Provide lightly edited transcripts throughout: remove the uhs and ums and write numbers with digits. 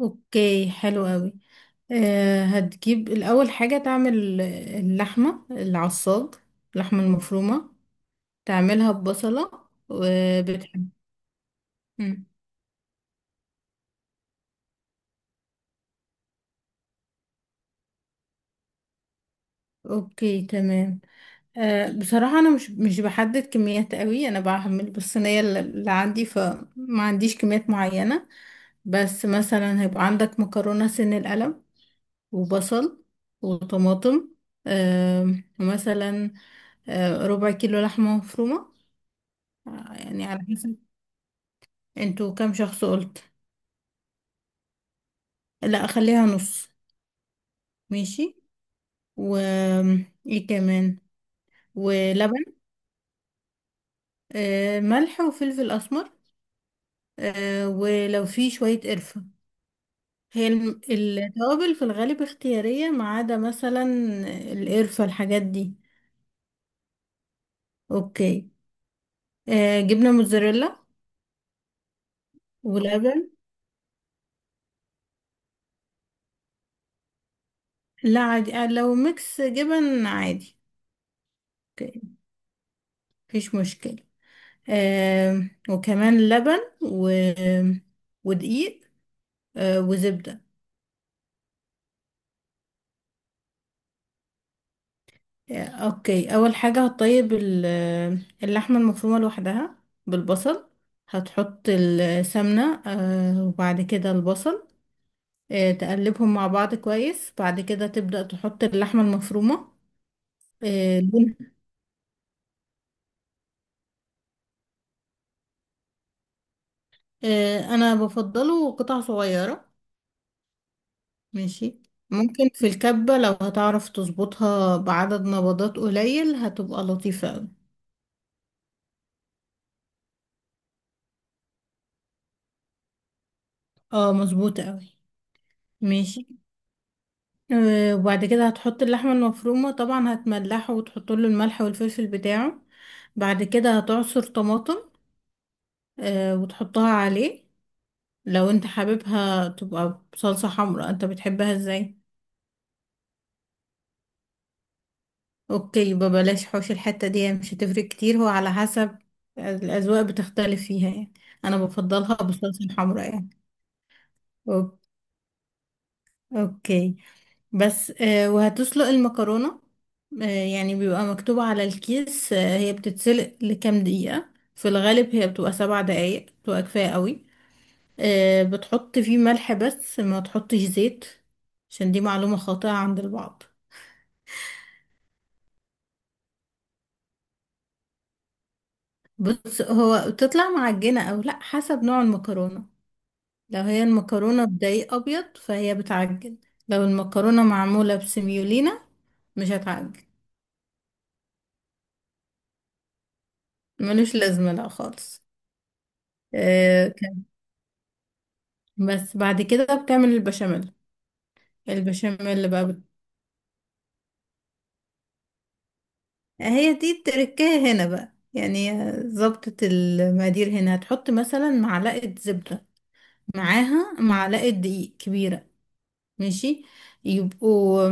اوكي، حلو قوي. أه هتجيب الاول حاجة تعمل اللحمة العصاج. اللحمة المفرومة تعملها ببصلة وبتحب. مم. اوكي تمام. أه بصراحة انا مش بحدد كميات قوي، انا بعمل بالصينية اللي عندي، فما عنديش كميات معينة. بس مثلا هيبقى عندك مكرونة سن القلم وبصل وطماطم، أه، ومثلا ربع كيلو لحمة مفرومة. يعني على حسب، انتوا كام شخص قلت؟ لا اخليها نص. ماشي، و ايه كمان؟ ولبن، ملح وفلفل اسمر، ولو في شوية قرفة. هي التوابل في الغالب اختيارية، ما عدا مثلا القرفة، الحاجات دي. اوكي، جبنة موتزاريلا ولبن. لا عادي، لو ميكس جبن عادي. اوكي، مفيش مشكلة. وكمان لبن و ودقيق، وزبدة. اوكي، اول حاجة هتطيب اللحمة المفرومة لوحدها بالبصل. هتحط السمنة وبعد كده البصل، تقلبهم مع بعض كويس، بعد كده تبدأ تحط اللحمة المفرومة. آه، لون- انا بفضله قطع صغيرة. ماشي، ممكن في الكبة لو هتعرف تظبطها بعدد نبضات قليل هتبقى لطيفة اوي. اه مظبوطة اوي. ماشي. وبعد كده هتحط اللحمة المفرومة، طبعا هتملحه وتحط له الملح والفلفل بتاعه. بعد كده هتعصر طماطم وتحطها عليه. لو انت حاببها تبقى بصلصة حمراء، انت بتحبها ازاي؟ اوكي، يبقى بلاش، حوش الحتة دي مش هتفرق كتير، هو على حسب، الأذواق بتختلف فيها يعني. انا بفضلها بالصلصة الحمراء يعني. أوك- اوكي، بس وهتسلق المكرونة. يعني بيبقى مكتوب على الكيس، هي بتتسلق لكام دقيقة. في الغالب هي بتبقى 7 دقايق بتبقى كفاية قوي. بتحط فيه ملح بس ما تحطش زيت، عشان دي معلومة خاطئة عند البعض. بص، هو بتطلع معجنة او لا حسب نوع المكرونة. لو هي المكرونة بدقيق ابيض فهي بتعجن، لو المكرونة معمولة بسميولينا مش هتعجن. ملوش لازمة لا خالص. آه، بس بعد كده بتعمل البشاميل. البشاميل اللي بقى بت... هي دي التركاية هنا بقى يعني. ظبطة المقادير هنا هتحط مثلا معلقة زبدة، معاها معلقة دقيق كبيرة. ماشي، يبقوا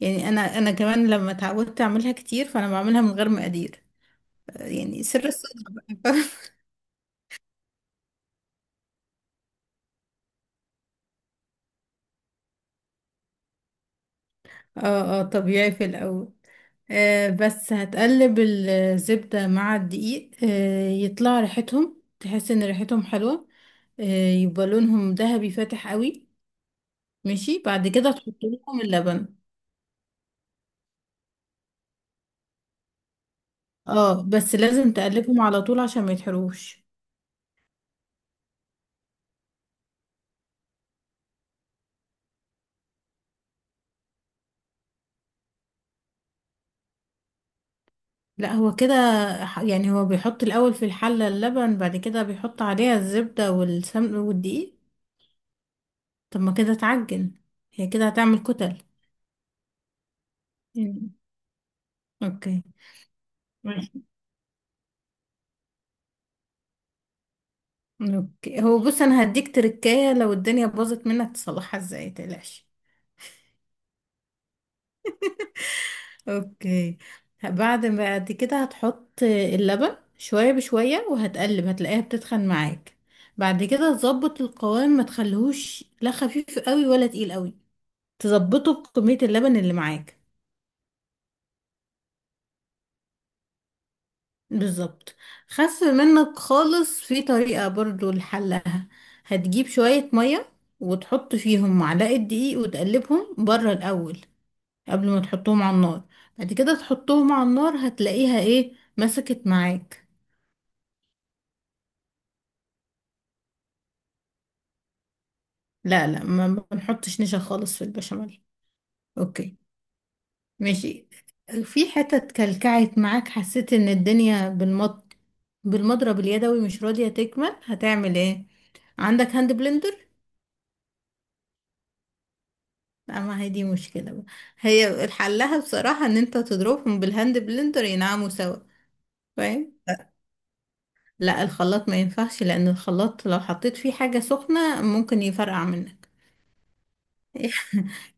يعني، انا كمان لما اتعودت اعملها كتير فانا بعملها من غير مقادير، يعني سر الصدر بقى. اه اه، طبيعي في الاول. آه، بس هتقلب الزبدة مع الدقيق، آه يطلع ريحتهم، تحس ان ريحتهم حلوة، آه، يبقى لونهم ذهبي فاتح قوي. ماشي، بعد كده تحط لهم اللبن. اه بس لازم تقلبهم على طول عشان ما يتحروش. لا هو كده، يعني هو بيحط الاول في الحلة اللبن، بعد كده بيحط عليها الزبدة والسمن والدقيق. طب ما كده اتعجن، هي كده هتعمل كتل يعني. اوكي. اوكي، هو بص انا هديك تركاية لو الدنيا باظت منك تصلحها ازاي، متقلقش. اوكي، بعد كده هتحط اللبن شوية بشوية وهتقلب، هتلاقيها بتتخن معاك. بعد كده تظبط القوام، ما تخليهوش لا خفيف قوي ولا تقيل قوي، تظبطه بكمية اللبن اللي معاك. بالظبط. خف منك خالص؟ في طريقة برضو لحلها، هتجيب شوية مية وتحط فيهم معلقة دقيق وتقلبهم بره الأول، قبل ما تحطهم على النار. بعد كده تحطهم على النار هتلاقيها ايه، مسكت معاك. لا لا، ما بنحطش نشا خالص في البشاميل. اوكي. ماشي. في حتت كلكعت معاك، حسيت ان الدنيا بالمط بالمضرب اليدوي مش راضية تكمل، هتعمل ايه؟ عندك هاند بلندر؟ لا، ما هي دي مشكلة بقى. هي حلها بصراحة ان انت تضربهم بالهاند بلندر، ينعموا سوا. فاهم؟ لا الخلاط ما ينفعش، لان الخلاط لو حطيت فيه حاجة سخنة ممكن يفرقع منك.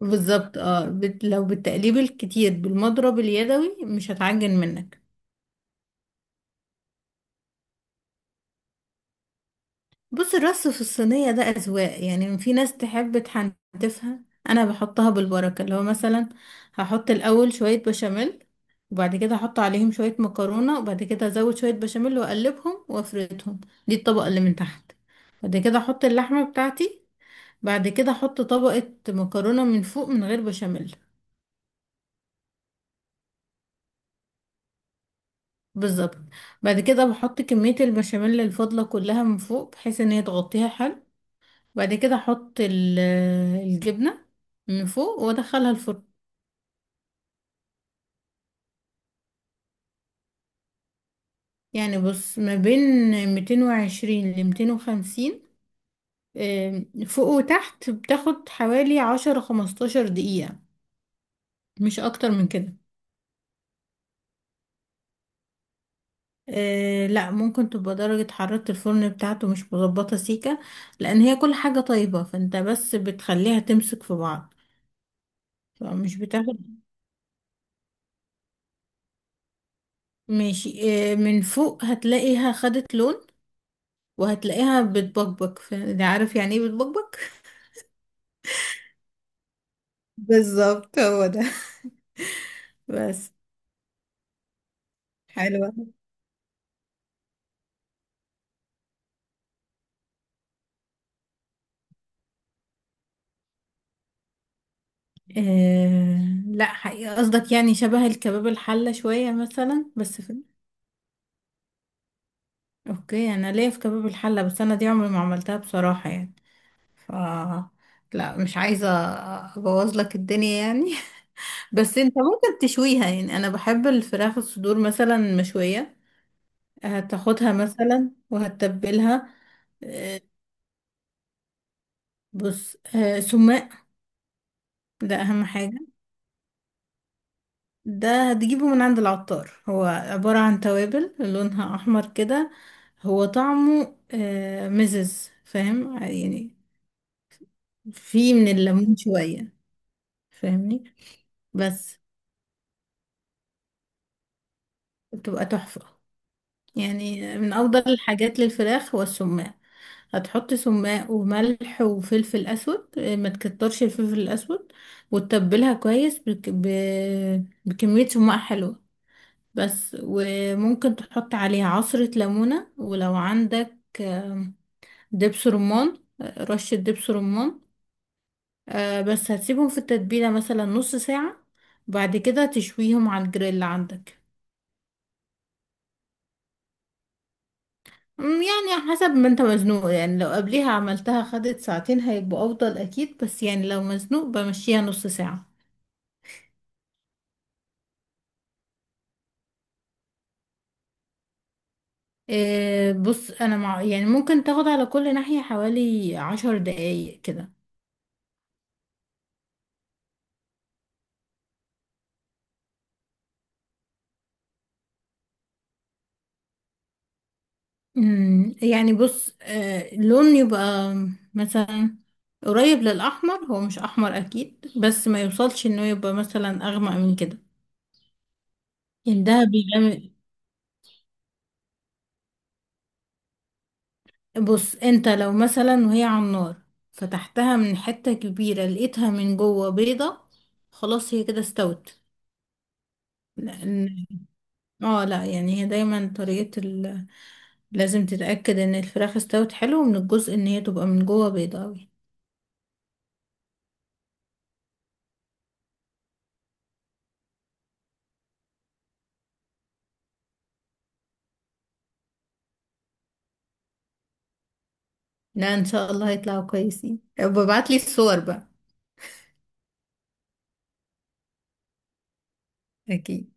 بالظبط. لو بالتقليب الكتير بالمضرب اليدوي مش هتعجن منك. بص الرص في الصينية ده أذواق، يعني في ناس تحب تحنتفها. أنا بحطها بالبركة، اللي هو مثلا هحط الأول شوية بشاميل، وبعد كده هحط عليهم شوية مكرونة، وبعد كده أزود شوية بشاميل وأقلبهم وأفردهم. دي الطبقة اللي من تحت. بعد كده أحط اللحمة بتاعتي، بعد كده أحط طبقة مكرونة من فوق من غير بشاميل. بالظبط. بعد كده بحط كمية البشاميل الفاضلة كلها من فوق، بحيث ان هي تغطيها حلو. بعد كده احط الجبنة من فوق وادخلها الفرن. يعني بص ما بين 220 ل 250، فوق وتحت، بتاخد حوالي 10 15 دقيقة، مش اكتر من كده. أه لا، ممكن تبقى درجة حرارة الفرن بتاعته مش مظبطة سيكة، لأن هي كل حاجة طيبة، فانت بس بتخليها تمسك في بعض، فمش بتاخد. ماشي. من فوق هتلاقيها خدت لون، وهتلاقيها بتبقبق، ده عارف يعني ايه بتبقبق. بالظبط، هو ده. بس. حلوة. آه لا حقيقة، قصدك يعني شبه الكباب الحلة شوية مثلا، اوكي، انا ليا في كباب الحلة، بس انا دي عمري ما عملتها بصراحة يعني. ف لا مش عايزة ابوظ لك الدنيا يعني. بس انت ممكن تشويها يعني، انا بحب الفراخ الصدور مثلا مشوية. هتاخدها مثلا وهتتبلها. آه، بص، سماق، ده اهم حاجة. ده هتجيبه من عند العطار، هو عبارة عن توابل لونها احمر كده. هو طعمه مزز، فاهم يعني، فيه من الليمون شوية. فاهمني؟ بس بتبقى تحفة، يعني من افضل الحاجات للفراخ هو السماق. هتحط سماق وملح وفلفل اسود، ما تكترش الفلفل الاسود، وتتبلها كويس بكمية سماق حلوة. بس، وممكن تحط عليها عصرة ليمونة، ولو عندك دبس رمان، رشة دبس رمان. بس هتسيبهم في التتبيلة مثلا نص ساعة، بعد كده تشويهم على الجريل عندك. يعني حسب ما انت مزنوق يعني، لو قبليها عملتها خدت ساعتين هيبقوا افضل اكيد، بس يعني لو مزنوق بمشيها نص ساعة. إيه بص، انا مع يعني ممكن تاخد على كل ناحية حوالي 10 دقايق كده. يعني بص، آه، لون يبقى مثلا قريب للاحمر، هو مش احمر اكيد، بس ما يوصلش انه يبقى مثلا اغمق من كده يعني، ده بيغمق. بص انت لو مثلا وهي على النار فتحتها من حتة كبيرة لقيتها من جوه بيضة، خلاص هي كده استوت. لأن- اه لا يعني هي دايما طريقة لازم تتأكد ان الفراخ استوت حلو، من الجزء ان هي تبقى من جوه بيضة اوي. لا ان شاء الله هيطلعوا كويسين، ببعتلي الصور بقى. اكيد.